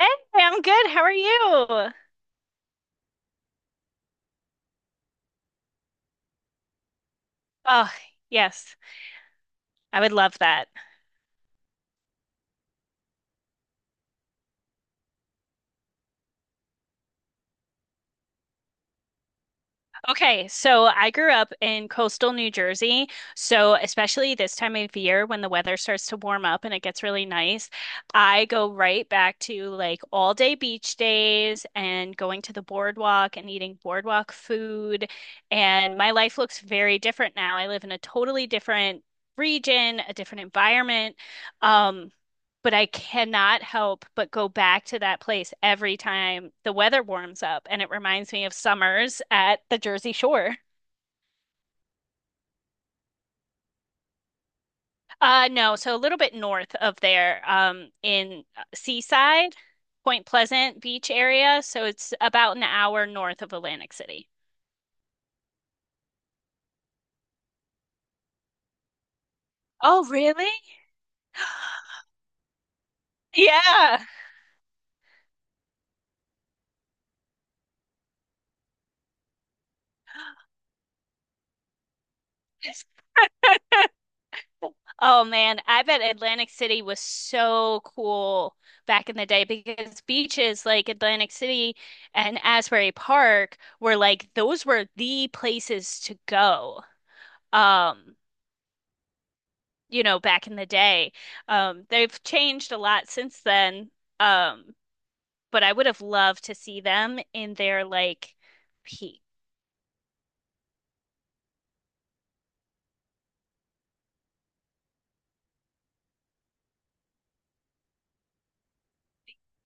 Hey, I'm good. How are you? Oh, yes. I would love that. Okay, so I grew up in coastal New Jersey. So, especially this time of year when the weather starts to warm up and it gets really nice, I go right back to like all day beach days and going to the boardwalk and eating boardwalk food. And my life looks very different now. I live in a totally different region, a different environment. Um, but I cannot help but go back to that place every time the weather warms up, and it reminds me of summers at the Jersey Shore. No, so a little bit north of there, in Seaside, Point Pleasant Beach area. So it's about an hour north of Atlantic City. Oh, really? Yeah. Oh man, I bet Atlantic City was so cool back in the day because beaches like Atlantic City and Asbury Park were like those were the places to go. Um, you know, back in the day. They've changed a lot since then. Um, but I would have loved to see them in their like peak.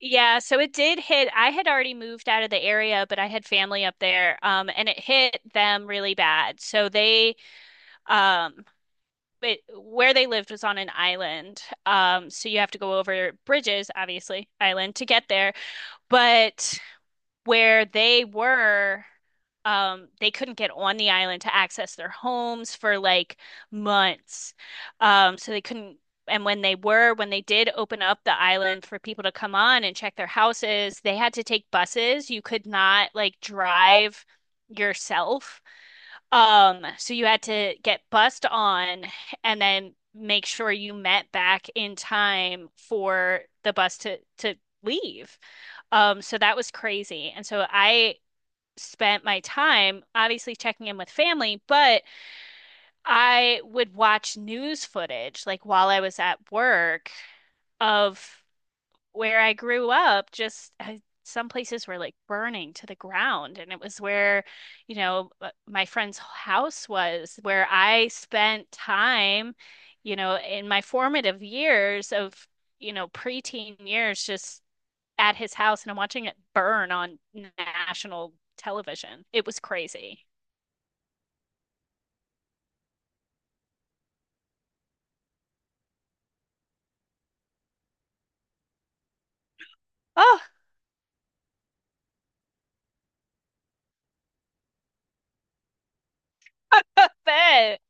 Yeah, so it did hit. I had already moved out of the area, but I had family up there, and it hit them really bad. So they Um, but where they lived was on an island. So you have to go over bridges, obviously, island to get there. But where they were, they couldn't get on the island to access their homes for like months. So they couldn't. And when they did open up the island for people to come on and check their houses, they had to take buses. You could not like drive yourself, so you had to get bussed on and then make sure you met back in time for the bus to leave. So that was crazy. And so I spent my time obviously checking in with family, but I would watch news footage like while I was at work of where I grew up, just some places were like burning to the ground. And it was where, you know, my friend's house was, where I spent time, you know, in my formative years of, you know, preteen years, just at his house and I'm watching it burn on national television. It was crazy. Oh, I bet.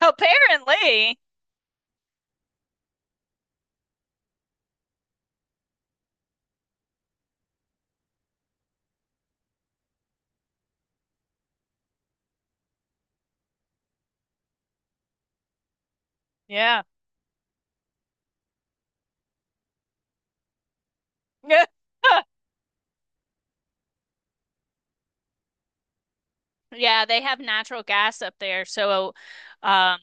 Apparently. Yeah. Yeah, they have natural gas up there. So, um,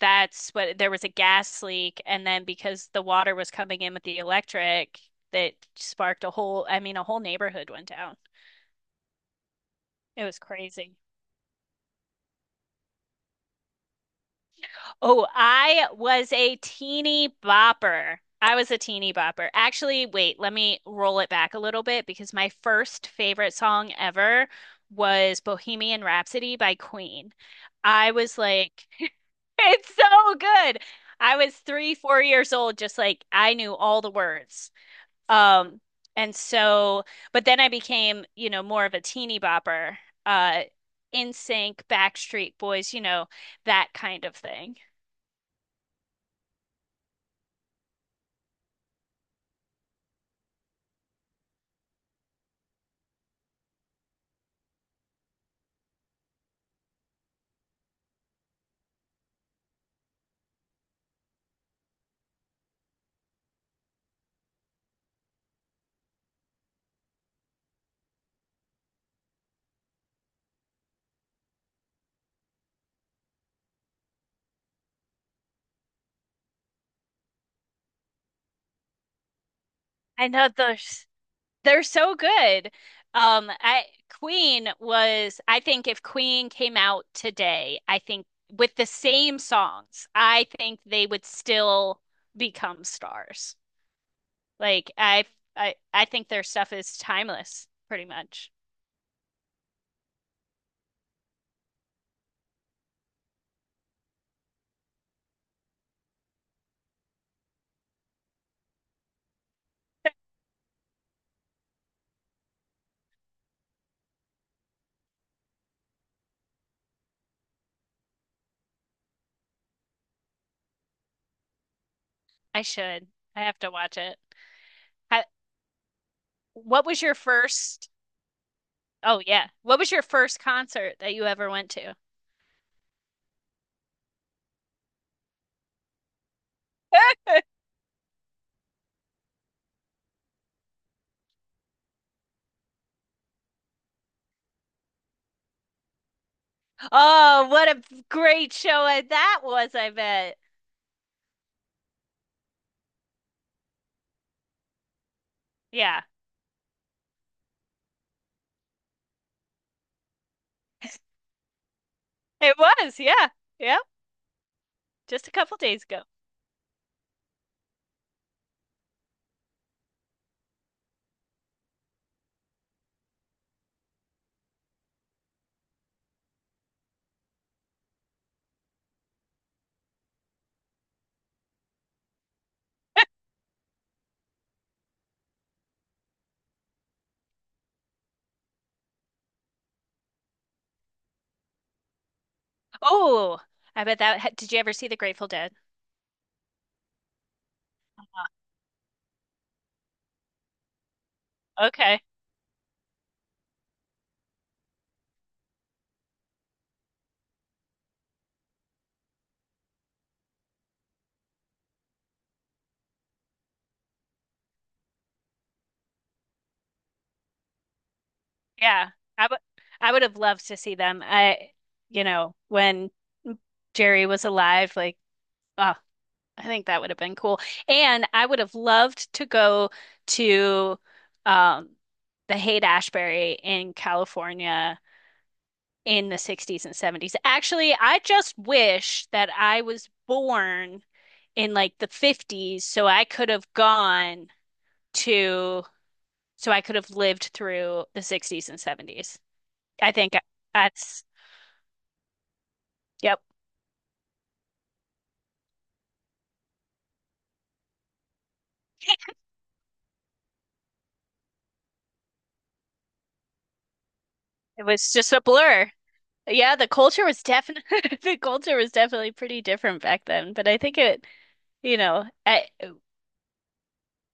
that's what there was a gas leak, and then because the water was coming in with the electric, that sparked a whole, I mean, a whole neighborhood went down. It was crazy. Oh, I was a teeny bopper. I was a teeny bopper. Actually, wait, let me roll it back a little bit because my first favorite song ever was Bohemian Rhapsody by Queen. I was like, it's so good. I was three, 4 years old, just like I knew all the words. Um, and so, but then I became, you know, more of a teeny bopper, uh, NSYNC, Backstreet Boys, you know, that kind of thing. I know those They're so good. I Queen was, I think if Queen came out today, I think with the same songs, I think they would still become stars. Like I, I think their stuff is timeless, pretty much. I should. I have to watch it. What was your first? Oh yeah. What was your first concert that you ever went to? Oh, what a great show that was, I bet. Yeah, it was. Yeah. Yeah. Just a couple days ago. Oh, I bet that did you ever see the Grateful Dead? Okay. Yeah. I would I would have loved to see them. I, you know, when Jerry was alive, like, oh, I think that would have been cool. And I would have loved to go to, um, the Haight-Ashbury in California in the 60s and 70s. Actually, I just wish that I was born in like the 50s so I could have gone to, so I could have lived through the 60s and 70s. I think that's, yep, it was just a blur. Yeah, the culture was definitely the culture was definitely pretty different back then, but I think it. You know, I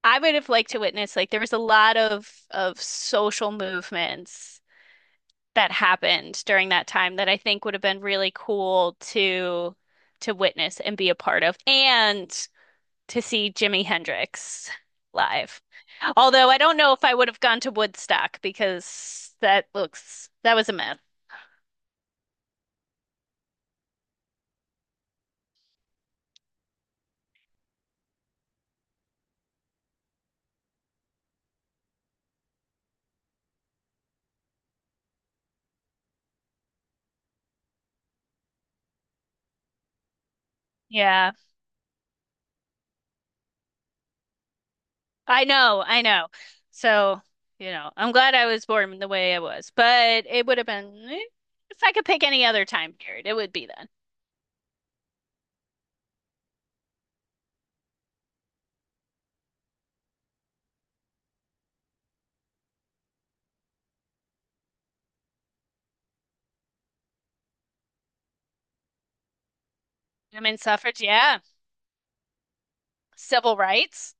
I would have liked to witness like there was a lot of social movements that happened during that time that I think would have been really cool to witness and be a part of and to see Jimi Hendrix live. Although I don't know if I would have gone to Woodstock because that looks that was a myth. Yeah. I know, I know. So, you know, I'm glad I was born the way I was, but it would have been eh, if I could pick any other time period, it would be then. Women's suffrage, yeah, civil rights.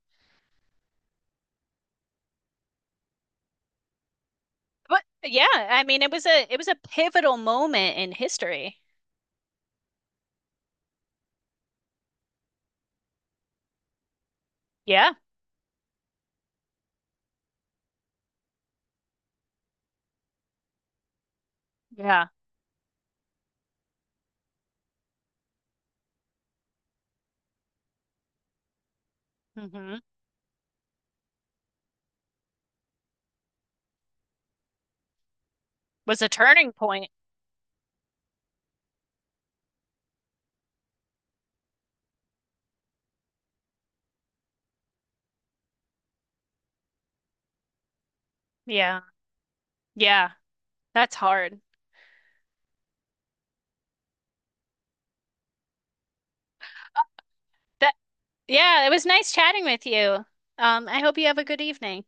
But yeah, I mean, it was a pivotal moment in history. Yeah, yeah. hmm Was a turning point. Yeah, yeah. That's hard. That Yeah, it was nice chatting with you. I hope you have a good evening.